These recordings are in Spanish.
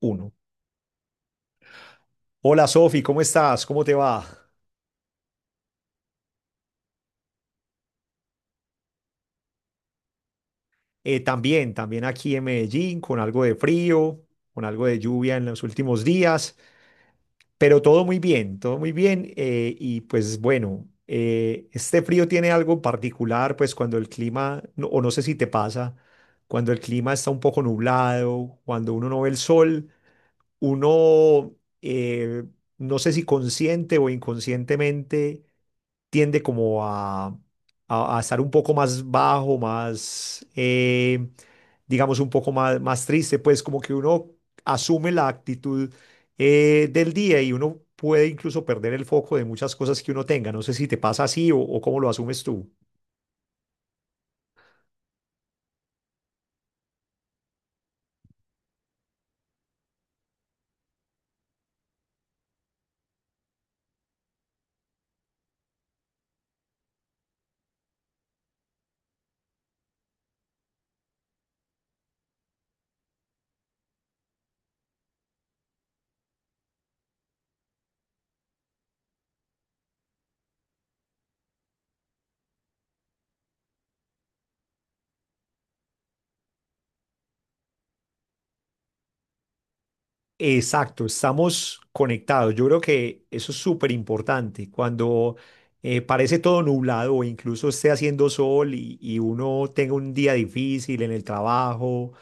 Uno. Hola Sofi, ¿cómo estás? ¿Cómo te va? También aquí en Medellín, con algo de frío, con algo de lluvia en los últimos días, pero todo muy bien, todo muy bien. Y pues bueno, este frío tiene algo en particular, pues cuando el clima, o no sé si te pasa, cuando el clima está un poco nublado, cuando uno no ve el sol uno, eh, no sé si consciente o inconscientemente, tiende a estar un poco más bajo, digamos, un poco más triste, pues como que uno asume la actitud del día y uno puede incluso perder el foco de muchas cosas que uno tenga. No sé si te pasa así o cómo lo asumes tú. Exacto, estamos conectados. Yo creo que eso es súper importante. Cuando parece todo nublado o incluso esté haciendo sol y uno tenga un día difícil en el trabajo,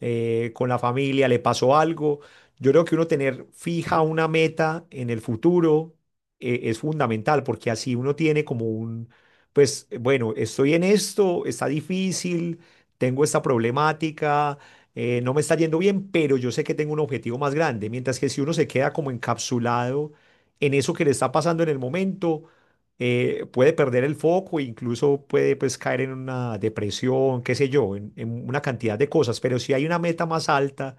con la familia, le pasó algo, yo creo que uno tener fija una meta en el futuro es fundamental porque así uno tiene como un, pues bueno, estoy en esto, está difícil, tengo esta problemática no me está yendo bien, pero yo sé que tengo un objetivo más grande. Mientras que si uno se queda como encapsulado en eso que le está pasando en el momento, puede perder el foco e incluso puede pues caer en una depresión, qué sé yo, en una cantidad de cosas. Pero si hay una meta más alta,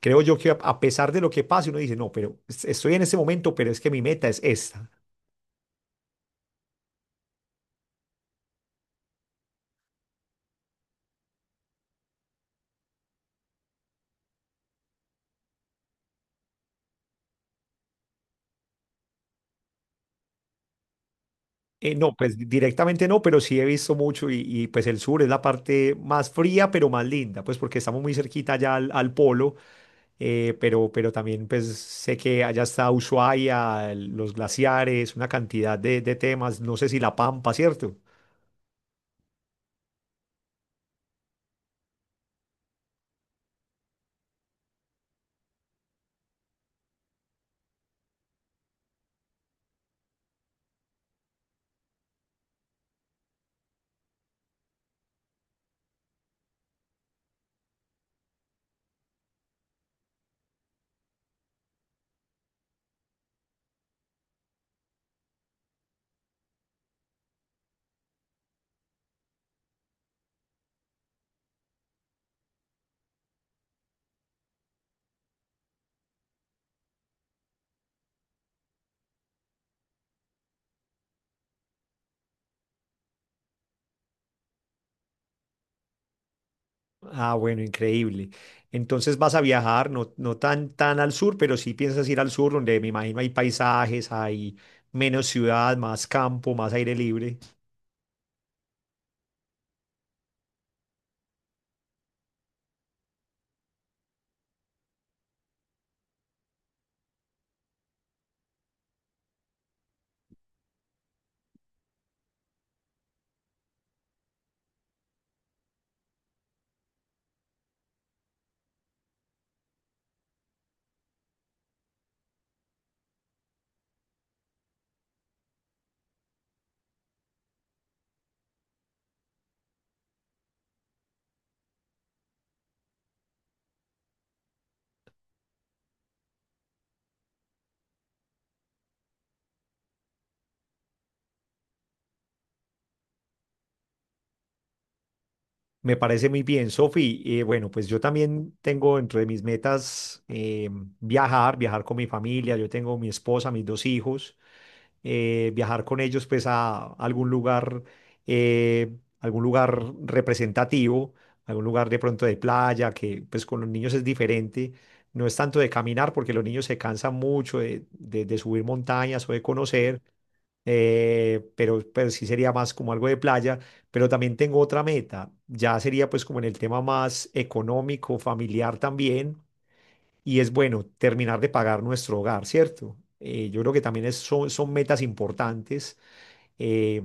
creo yo que a pesar de lo que pase, uno dice, no, pero estoy en este momento, pero es que mi meta es esta. No, pues directamente no, pero sí he visto mucho y pues el sur es la parte más fría, pero más linda, pues porque estamos muy cerquita ya al polo. Pero también pues sé que allá está Ushuaia, los glaciares, una cantidad de temas, no sé si La Pampa, ¿cierto? Ah, bueno, increíble. Entonces vas a viajar, no tan al sur, pero sí piensas ir al sur, donde me imagino hay paisajes, hay menos ciudad, más campo, más aire libre. Me parece muy bien, Sofi. Bueno, pues yo también tengo dentro de mis metas viajar con mi familia. Yo tengo mi esposa, mis 2 hijos. Viajar con ellos pues a algún lugar representativo, algún lugar de pronto de playa, que pues con los niños es diferente. No es tanto de caminar porque los niños se cansan mucho de subir montañas o de conocer, pero sí sería más como algo de playa. Pero también tengo otra meta, ya sería pues como en el tema más económico, familiar también y es bueno terminar de pagar nuestro hogar, ¿cierto? Yo creo que también son metas importantes. Eh,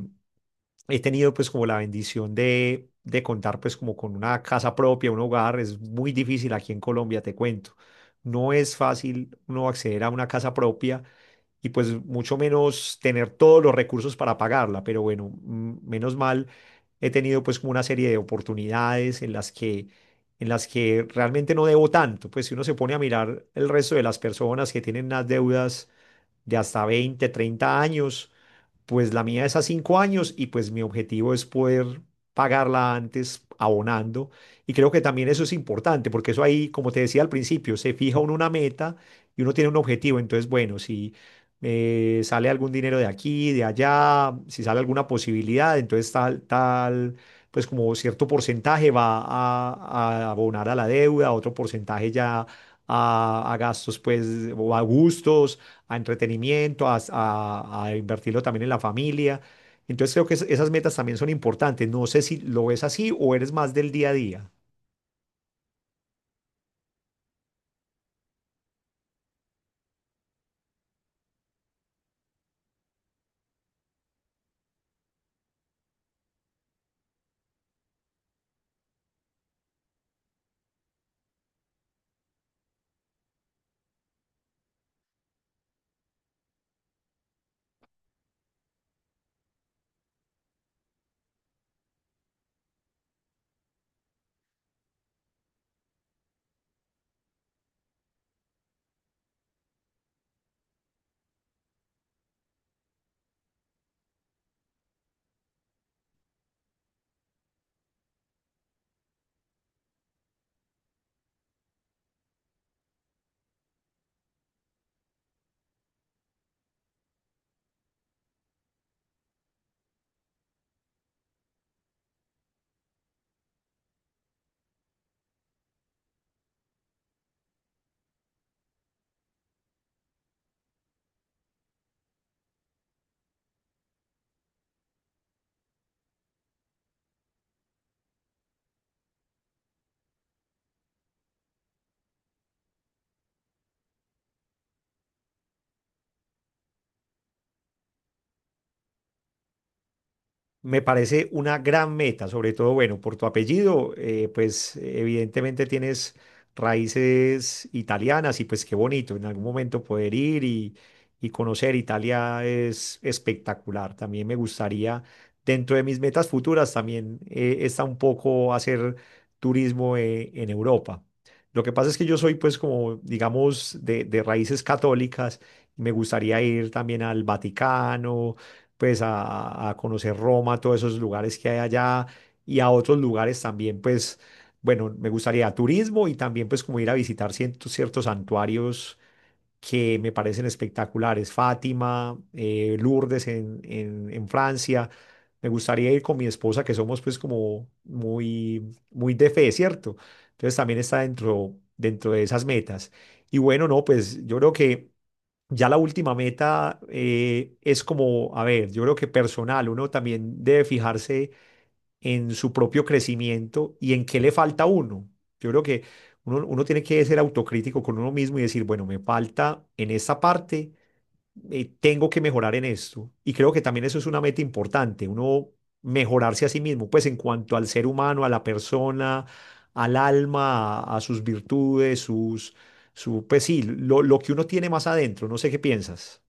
he tenido pues como la bendición de contar pues como con una casa propia, un hogar. Es muy difícil aquí en Colombia, te cuento. No es fácil uno acceder a una casa propia y pues mucho menos tener todos los recursos para pagarla, pero bueno, mm, menos mal he tenido pues como una serie de oportunidades en las que realmente no debo tanto, pues si uno se pone a mirar el resto de las personas que tienen unas deudas de hasta 20 o 30 años. Pues la mía es a 5 años y pues mi objetivo es poder pagarla antes abonando. Y creo que también eso es importante, porque eso ahí, como te decía al principio, se fija uno una meta y uno tiene un objetivo. Entonces, bueno, si sale algún dinero de aquí, de allá, si sale alguna posibilidad, entonces tal, tal, pues como cierto porcentaje va a abonar a la deuda, otro porcentaje ya a gastos, pues, o a gustos a entretenimiento, a invertirlo también en la familia. Entonces creo que esas metas también son importantes. No sé si lo ves así o eres más del día a día. Me parece una gran meta, sobre todo, bueno, por tu apellido, pues evidentemente tienes raíces italianas y pues qué bonito en algún momento poder ir y conocer Italia es espectacular. También me gustaría, dentro de mis metas futuras, también está un poco hacer turismo en Europa. Lo que pasa es que yo soy pues como, digamos, de raíces católicas y me gustaría ir también al Vaticano pues a conocer Roma, todos esos lugares que hay allá y a otros lugares también, pues bueno, me gustaría turismo y también pues como ir a visitar ciertos santuarios que me parecen espectaculares, Fátima, Lourdes en Francia. Me gustaría ir con mi esposa, que somos pues como muy de fe, ¿cierto? Entonces también está dentro de esas metas. Y bueno, no, pues yo creo que ya la última meta es como, a ver, yo creo que personal, uno también debe fijarse en su propio crecimiento y en qué le falta a uno. Yo creo que uno tiene que ser autocrítico con uno mismo y decir, bueno, me falta en esta parte, tengo que mejorar en esto. Y creo que también eso es una meta importante, uno mejorarse a sí mismo, pues en cuanto al ser humano, a la persona, al alma, a sus virtudes, sus, su, pues sí, lo que uno tiene más adentro. No sé qué piensas.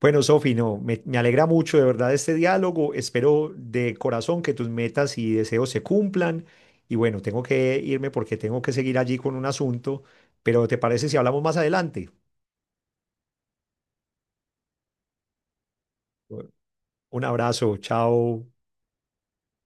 Bueno, Sofi, no, me alegra mucho de verdad este diálogo. Espero de corazón que tus metas y deseos se cumplan. Y bueno, tengo que irme porque tengo que seguir allí con un asunto, pero ¿te parece si hablamos más adelante? Un abrazo, chao.